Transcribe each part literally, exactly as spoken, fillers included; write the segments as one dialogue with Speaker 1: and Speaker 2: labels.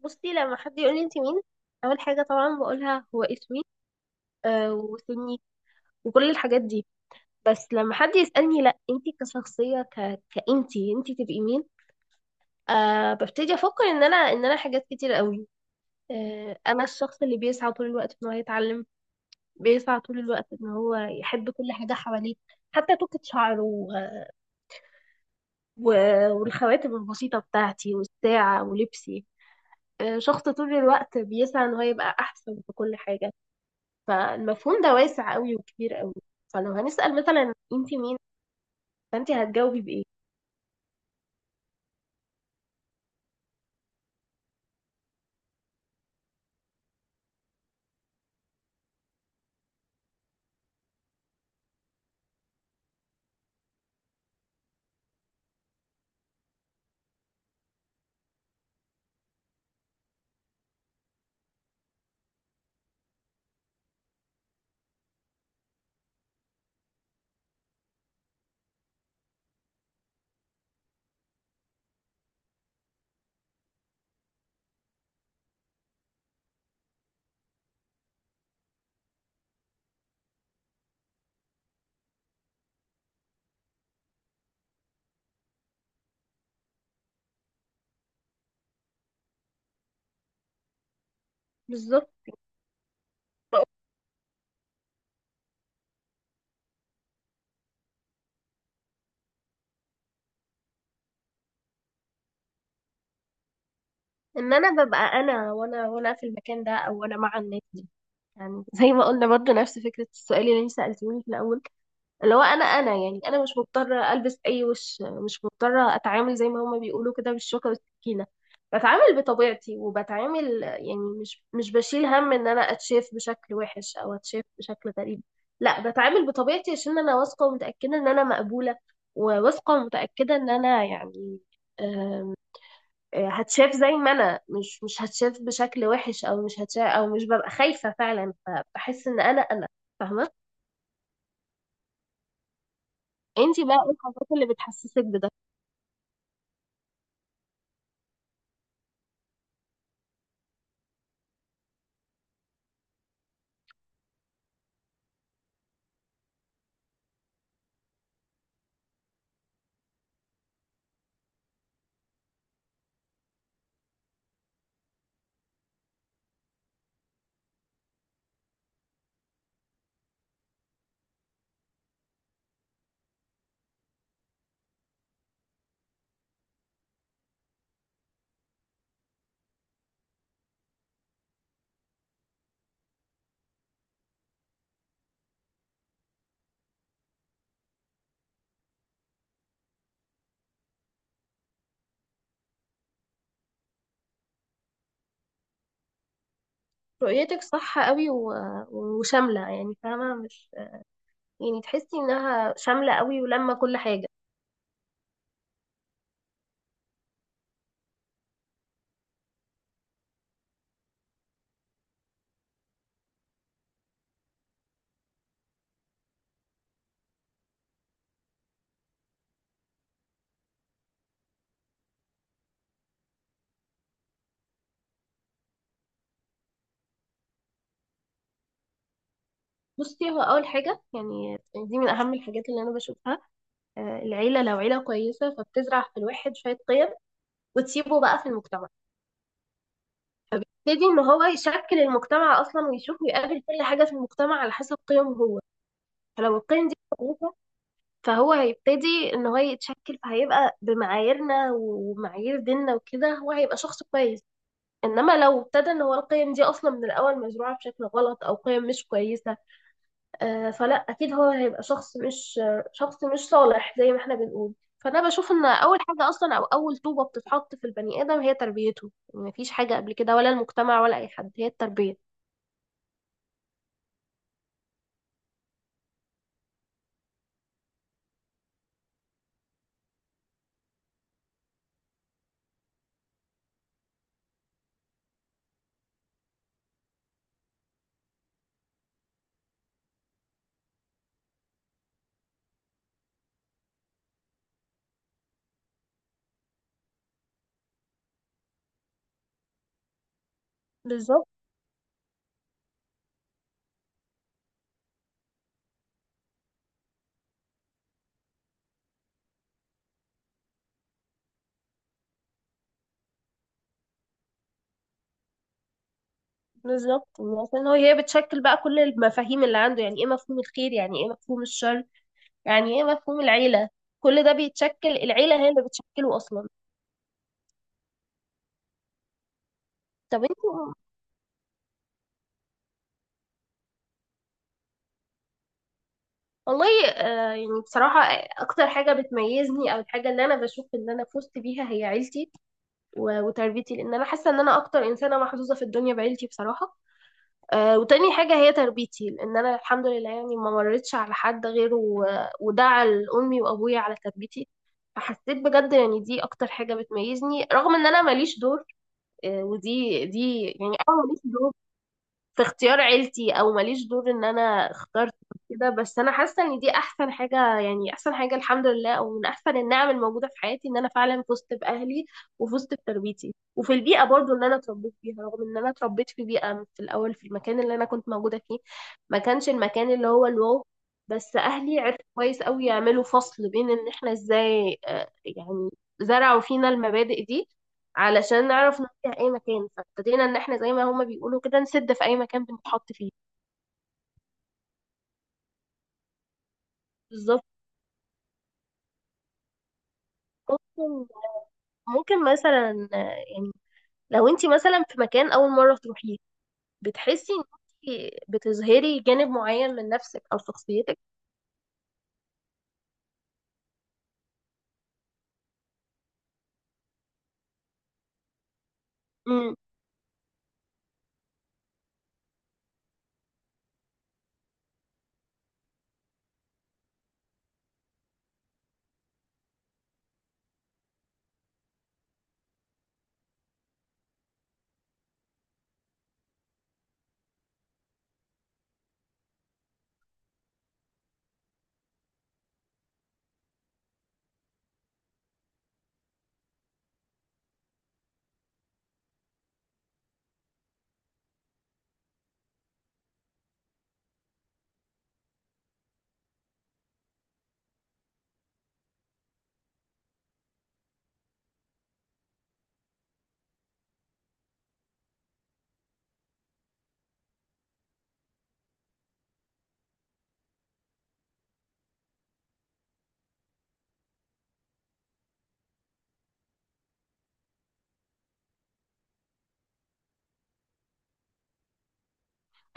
Speaker 1: بصي لما حد يقول لي انت مين. اول حاجه طبعا بقولها هو اسمي. آه وسني وكل الحاجات دي. بس لما حد يسالني لا انت كشخصيه ك... كانتي انت تبقي مين. آه ببتدي افكر ان انا ان انا حاجات كتير قوي. آه انا الشخص اللي بيسعى طول الوقت ان هو يتعلم، بيسعى طول الوقت ان هو يحب كل حاجه حواليه، حتى توكة شعره و... و... والخواتم البسيطه بتاعتي والساعه ولبسي. آه شخص طول الوقت بيسعى ان هو يبقى احسن في كل حاجه. فالمفهوم ده واسع قوي وكبير قوي. فلو هنسأل مثلا، انت مين؟ فانت هتجاوبي بإيه؟ بالظبط، ان انا ببقى انا وانا وانا في المكان ده او انا مع الناس دي. يعني زي ما قلنا برضو نفس فكرة السؤال اللي انت سألتيهولي في الاول، اللي هو انا انا يعني انا مش مضطره البس اي وش، مش مضطره اتعامل زي ما هما بيقولوا كده بالشوكه والسكينه. بتعامل بطبيعتي وبتعامل يعني مش مش بشيل هم ان انا اتشاف بشكل وحش او اتشاف بشكل غريب. لا بتعامل بطبيعتي عشان انا واثقه ومتاكده ان انا مقبوله، وواثقه ومتاكده ان انا يعني، آم، آه، هتشاف زي ما انا مش مش هتشاف بشكل وحش او مش هتشاف او مش ببقى خايفه فعلا. فبحس ان انا انا فاهمه. انتي بقى ايه الحاجات اللي بتحسسك بده؟ رؤيتك صح قوي و... وشاملة، يعني فاهمة مش، يعني تحسي انها شاملة قوي ولما كل حاجة. بصي هو اول حاجة يعني، دي من اهم الحاجات اللي انا بشوفها، آه، العيلة لو عيلة كويسة فبتزرع في الواحد شوية قيم وتسيبه بقى في المجتمع. يبتدي ان هو يشكل المجتمع اصلا ويشوف ويقابل كل حاجة في المجتمع على حسب قيمه هو. فلو القيم دي كويسة فهو هيبتدي ان هو يتشكل، فهيبقى بمعاييرنا ومعايير ديننا وكده هو هيبقى شخص كويس. انما لو ابتدى ان هو القيم دي اصلا من الاول مزروعه بشكل غلط او قيم مش كويسه، آه، فلا اكيد هو هيبقى شخص مش، شخص مش صالح زي ما احنا بنقول. فانا بشوف ان اول حاجه اصلا او اول طوبه بتتحط في البني ادم هي تربيته. يعني مفيش حاجه قبل كده ولا المجتمع ولا اي حد، هي التربيه. بالظبط. بالظبط عشان هو هي بتشكل بقى كل المفاهيم اللي عنده. يعني ايه مفهوم الخير، يعني ايه مفهوم الشر، يعني ايه مفهوم العيله، كل ده بيتشكل. العيله هي اللي بتشكله اصلا. طب انت. والله آه، يعني بصراحة آه، أكتر حاجة بتميزني أو الحاجة اللي أنا بشوف إن أنا فزت بيها هي عيلتي و- وتربيتي، لأن أنا حاسة إن أنا أكتر إنسانة محظوظة في الدنيا بعيلتي بصراحة. آه، وتاني حاجة هي تربيتي، لأن أنا الحمد لله يعني ما مريتش على حد غيره و- ودعا لأمي وأبويا على تربيتي. فحسيت بجد يعني دي أكتر حاجة بتميزني رغم إن أنا ماليش دور. آه، ودي دي يعني أنا ماليش دور في اختيار عيلتي، او ماليش دور ان انا اخترت كده. بس انا حاسه ان دي احسن حاجه، يعني احسن حاجه الحمد لله، او من احسن النعم الموجوده في حياتي ان انا فعلا فزت باهلي وفزت بتربيتي وفي البيئه برضو اللي انا اتربيت فيها. رغم ان انا اتربيت في بيئه في الاول، في المكان اللي انا كنت موجوده فيه ما كانش المكان اللي هو الواو، بس اهلي عرفوا كويس قوي يعملوا فصل بين ان احنا ازاي، آه، يعني زرعوا فينا المبادئ دي علشان نعرف نوديها اي مكان. فابتدينا ان احنا زي ما هما بيقولوا كده نسد في اي مكان بنتحط فيه. بالظبط. ممكن ممكن مثلا آه، يعني لو انت مثلا في مكان اول مره تروحيه، بتحسي ان انت بتظهري جانب معين من نفسك او شخصيتك؟ امم.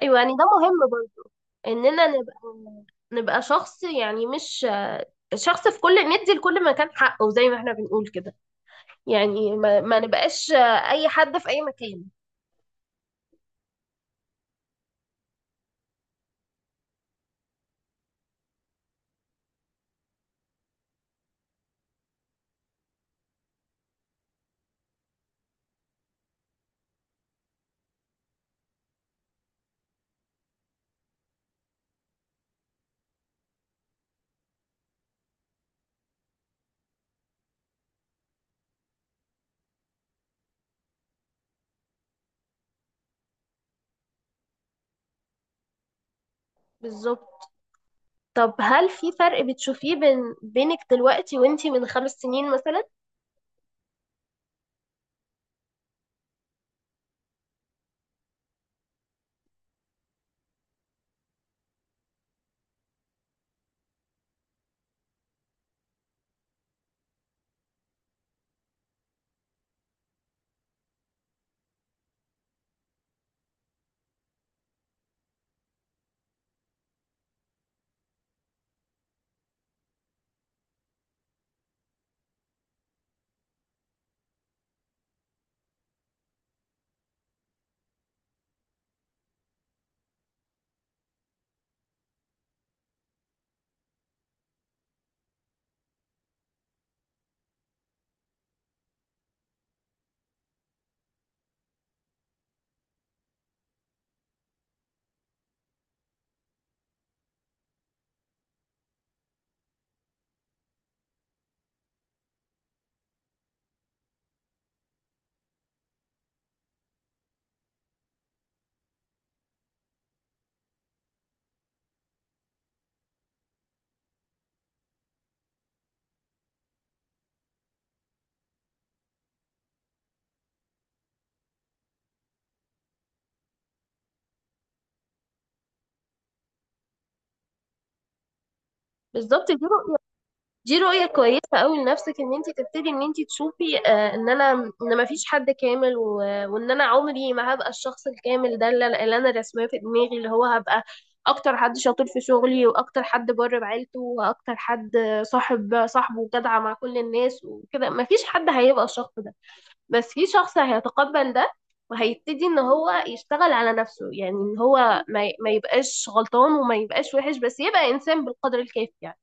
Speaker 1: ايوه يعني ده مهم برضه، اننا نبقى، نبقى شخص يعني مش آه، شخص في كل ندي لكل مكان حقه زي ما احنا بنقول كده. يعني ما, ما نبقاش آه، اي حد في اي مكان. بالظبط. طب هل في فرق بتشوفيه بين بينك دلوقتي وانتي من خمس سنين مثلا؟ بالظبط، دي رؤية دي رؤية كويسة قوي لنفسك، ان انتي تبتدي ان انتي تشوفي آه ان انا، ان ما فيش حد كامل و... وان انا عمري ما هبقى الشخص الكامل ده اللي, اللي انا رسماه في دماغي، اللي هو هبقى اكتر حد شاطر في شغلي واكتر حد بر بعيلته واكتر حد صاحب صاحبه جدع مع كل الناس وكده. ما فيش حد هيبقى الشخص ده، بس في شخص هيتقبل ده وهيبتدي ان هو يشتغل على نفسه، يعني ان هو ما ما يبقاش غلطان وما يبقاش وحش، بس يبقى انسان بالقدر الكافي يعني.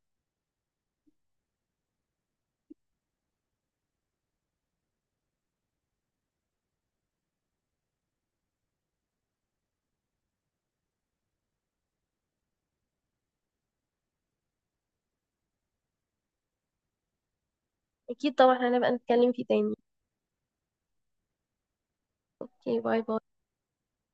Speaker 1: اكيد طبعا هنبقى نتكلم فيه تاني. اوكي باي باي.